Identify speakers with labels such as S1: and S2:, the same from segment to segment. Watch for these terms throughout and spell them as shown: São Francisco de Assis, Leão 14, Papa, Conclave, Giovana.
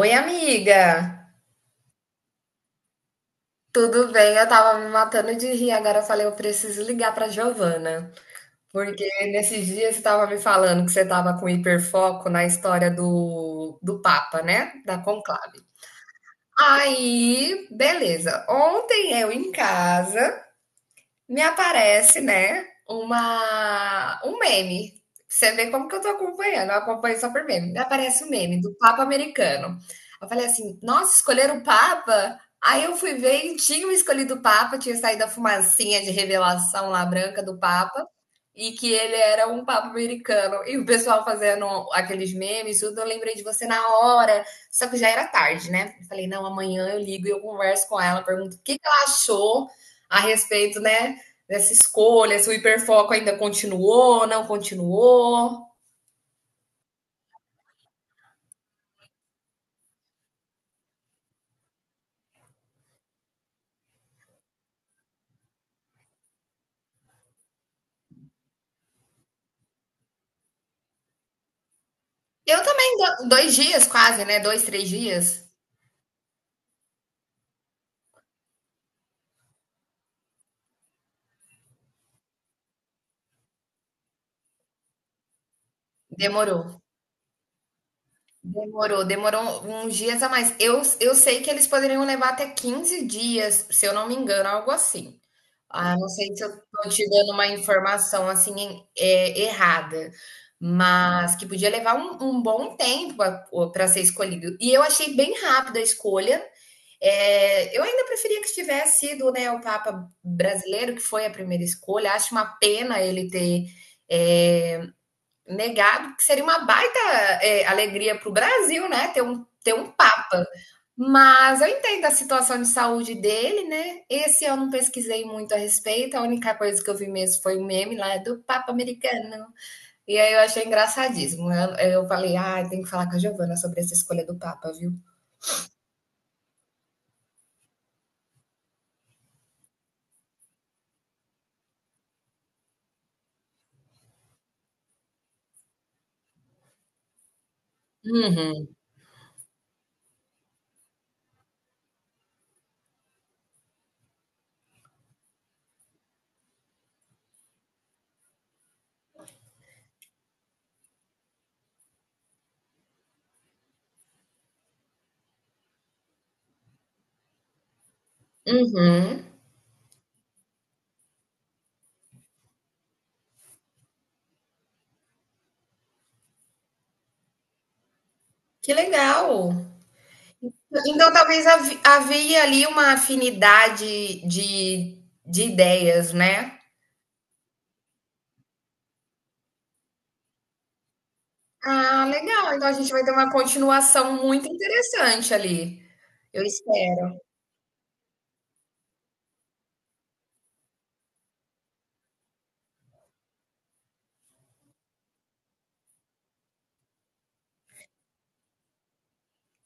S1: Oi, amiga! Tudo bem, eu tava me matando de rir, agora eu falei, eu preciso ligar pra Giovana, porque nesses dias você tava me falando que você tava com hiperfoco na história do Papa, né? Da conclave. Aí, beleza. Ontem eu em casa me aparece, né, um meme. Você vê como que eu tô acompanhando, eu acompanho só por meme. Me aparece um meme do Papa americano. Eu falei assim, nossa, escolheram o Papa? Aí eu fui ver e tinham escolhido o Papa, tinha saído a fumacinha de revelação lá branca do Papa, e que ele era um Papa americano. E o pessoal fazendo aqueles memes, tudo, eu lembrei de você na hora, só que já era tarde, né? Eu falei, não, amanhã eu ligo e eu converso com ela, pergunto o que que ela achou a respeito, né, dessa escolha, se o hiperfoco ainda continuou, não continuou. Eu também, 2 dias quase, né? 2, 3 dias. Demorou. Demorou uns dias a mais. Eu sei que eles poderiam levar até 15 dias, se eu não me engano, algo assim. Ah, não sei se eu estou te dando uma informação assim errada, mas que podia levar um bom tempo para ser escolhido. E eu achei bem rápida a escolha. É, eu ainda preferia que tivesse sido, né, o Papa brasileiro, que foi a primeira escolha. Acho uma pena ele ter é, negado, que seria uma baita alegria para o Brasil, né, ter um Papa. Mas eu entendo a situação de saúde dele, né? Esse eu não pesquisei muito a respeito. A única coisa que eu vi mesmo foi um meme lá do Papa americano. E aí eu achei engraçadíssimo. Eu falei, ah, tem que falar com a Giovana sobre essa escolha do Papa, viu? Uhum, uhum. Que legal! Então, talvez havia ali uma afinidade de ideias, né? Ah, legal. Então a gente vai ter uma continuação muito interessante ali. Eu espero.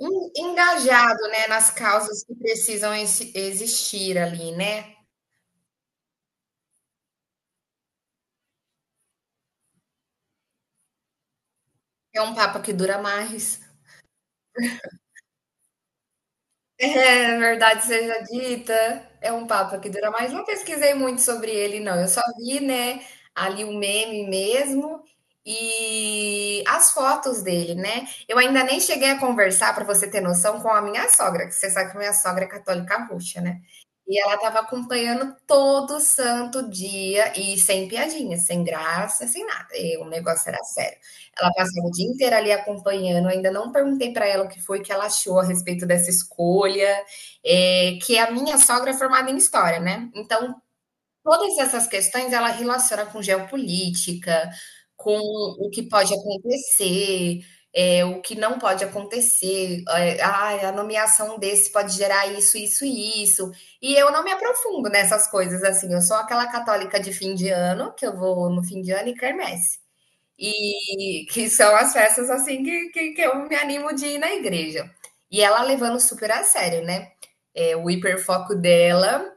S1: Engajado, né, nas causas que precisam existir ali, né? É um papo que dura mais. É, é verdade seja dita, é um papo que dura mais. Não pesquisei muito sobre ele, não. Eu só vi, né, ali o meme mesmo e as fotos dele, né? Eu ainda nem cheguei a conversar, para você ter noção, com a minha sogra, que você sabe que minha sogra é católica roxa, né? E ela estava acompanhando todo santo dia e sem piadinha, sem graça, sem nada. E o negócio era sério. Ela passava o dia inteiro ali acompanhando. Eu ainda não perguntei para ela o que foi que ela achou a respeito dessa escolha, é que a minha sogra é formada em história, né. Então, todas essas questões ela relaciona com geopolítica, com o que pode acontecer, é o que não pode acontecer, "Ai, a nomeação desse pode gerar isso, isso e isso", e eu não me aprofundo nessas coisas, assim, eu sou aquela católica de fim de ano, que eu vou no fim de ano e quermesse. E que são as festas assim que eu me animo de ir na igreja. E ela levando super a sério, né? É, o hiperfoco dela,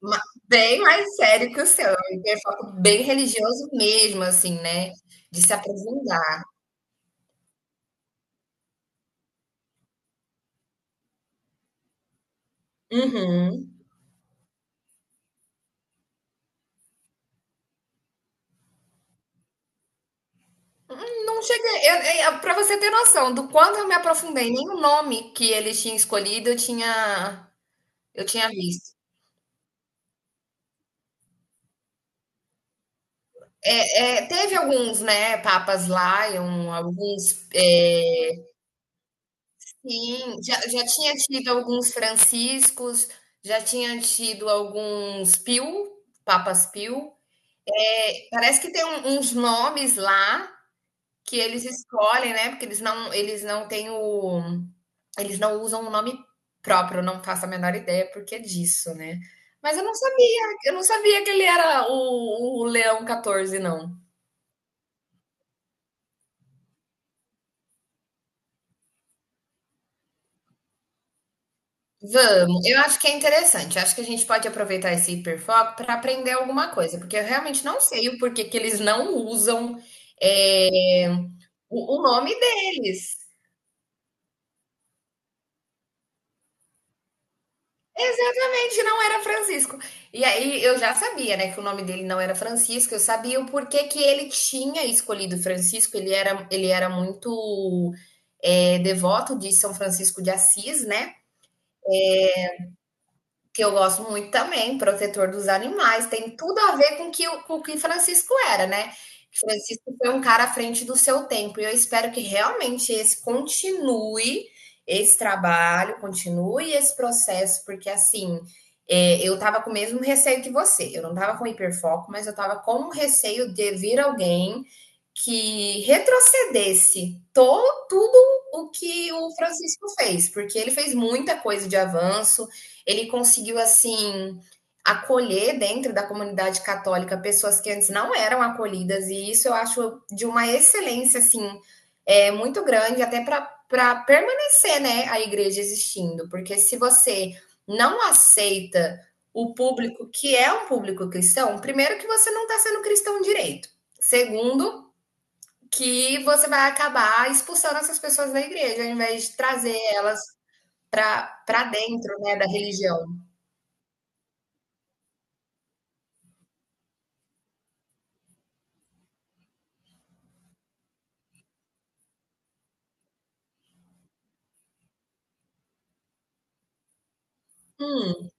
S1: ma- bem mais sério que o seu. É um hiperfoco bem religioso mesmo, assim, né? De se aprofundar. Uhum. Não cheguei. Pra você ter noção do quanto eu me aprofundei, nem o nome que eles tinham escolhido eu tinha visto. É, teve alguns, né, papas lá, e alguns. Sim, já tinha tido alguns franciscos, já tinha tido alguns Pio, Papas Pio. É, parece que tem uns nomes lá que eles escolhem, né? Porque eles não têm o, eles não usam o nome próprio, eu não faço a menor ideia porque disso, né? Mas eu não sabia que ele era o Leão 14, não. Vamos, eu acho que é interessante. Eu acho que a gente pode aproveitar esse hiperfoco para aprender alguma coisa, porque eu realmente não sei o porquê que eles não usam é, o nome deles. Realmente não era Francisco. E aí eu já sabia, né, que o nome dele não era Francisco. Eu sabia o porquê que ele tinha escolhido Francisco. Ele era muito devoto de São Francisco de Assis, né? Que eu gosto muito também, protetor dos animais, tem tudo a ver com o que Francisco era, né? Francisco foi um cara à frente do seu tempo, e eu espero que realmente esse continue esse trabalho, continue esse processo, porque assim, eu tava com o mesmo receio que você, eu não tava com hiperfoco, mas eu tava com o receio de vir alguém que retrocedesse tudo o que o Francisco fez, porque ele fez muita coisa de avanço, ele conseguiu, assim, acolher dentro da comunidade católica pessoas que antes não eram acolhidas, e isso eu acho de uma excelência, assim, muito grande, até para permanecer, né, a igreja existindo, porque se você não aceita o público que é um público cristão, primeiro que você não está sendo cristão direito. Segundo, que você vai acabar expulsando essas pessoas da igreja, ao invés de trazer elas para dentro né, da religião. Hum,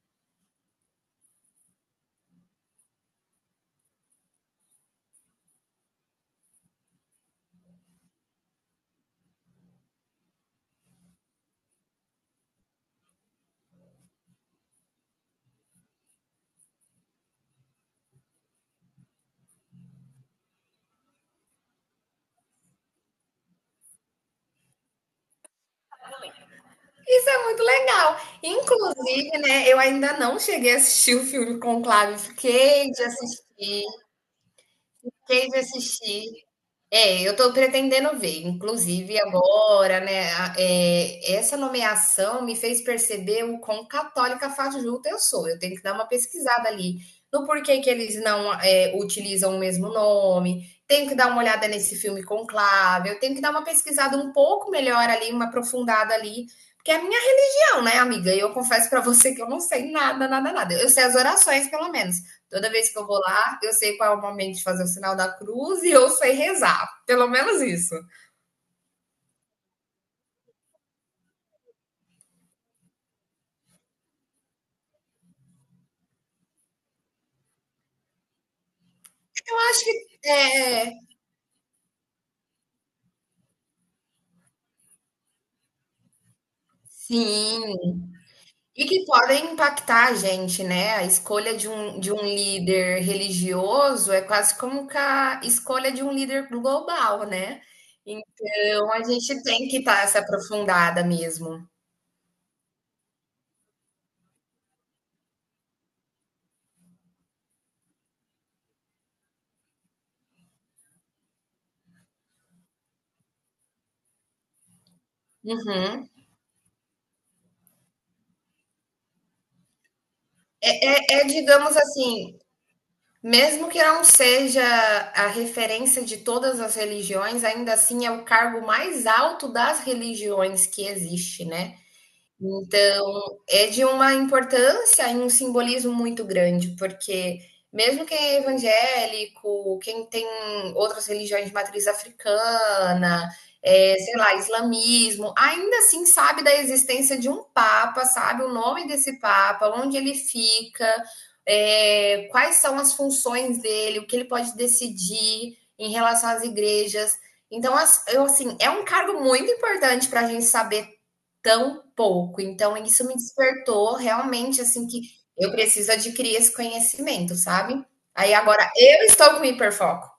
S1: isso é muito legal. Inclusive, né, eu ainda não cheguei a assistir o filme Conclave, fiquei de assistir. É, eu estou pretendendo ver, inclusive agora, né, essa nomeação me fez perceber o quão católica fajuta eu sou. Eu tenho que dar uma pesquisada ali no porquê que eles não utilizam o mesmo nome, tenho que dar uma olhada nesse filme Conclave, eu tenho que dar uma pesquisada um pouco melhor ali, uma aprofundada ali, porque a minha não, né, amiga? Eu confesso pra você que eu não sei nada, nada, nada. Eu sei as orações, pelo menos. Toda vez que eu vou lá, eu sei qual é o momento de fazer o sinal da cruz e eu sei rezar. Pelo menos isso. Eu acho que é, sim. E que podem impactar a gente, né? A escolha de um líder religioso é quase como que a escolha de um líder global, né? Então a gente tem que estar essa aprofundada mesmo. Uhum. É, é, digamos assim, mesmo que não seja a referência de todas as religiões, ainda assim é o cargo mais alto das religiões que existe, né? Então, é de uma importância e um simbolismo muito grande, porque mesmo quem é evangélico, quem tem outras religiões de matriz africana, sei lá, islamismo, ainda assim sabe da existência de um papa, sabe o nome desse papa, onde ele fica, quais são as funções dele, o que ele pode decidir em relação às igrejas. Então, eu, assim, é um cargo muito importante para a gente saber tão pouco. Então isso me despertou realmente, assim, que eu preciso adquirir esse conhecimento, sabe. Aí agora eu estou com hiperfoco,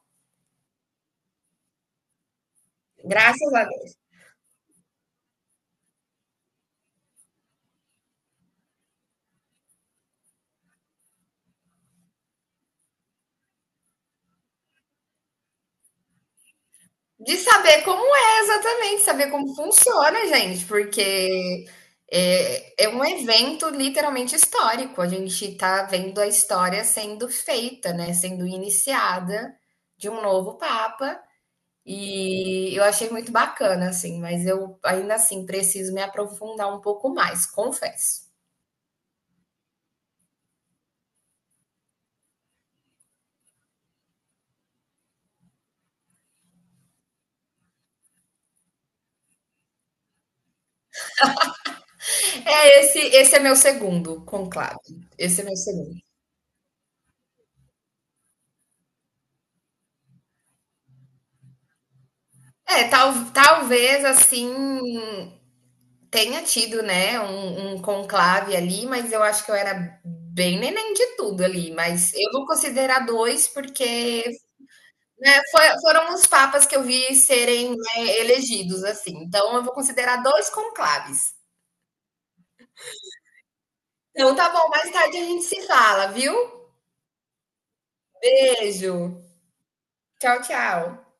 S1: graças a Deus. De saber como é exatamente, saber como funciona, gente, porque, é um evento literalmente histórico, a gente está vendo a história sendo feita, né, sendo iniciada de um novo papa. E eu achei muito bacana, assim, mas eu ainda assim preciso me aprofundar um pouco mais, confesso. É, esse é meu segundo conclave, esse é meu segundo. É, talvez, assim, tenha tido, né, um conclave ali, mas eu acho que eu era bem neném de tudo ali, mas eu vou considerar 2 porque, né, foi foram os papas que eu vi serem, né, elegidos, assim, então eu vou considerar 2 conclaves. Então tá bom, mais tarde a gente se fala, viu? Beijo. Tchau, tchau.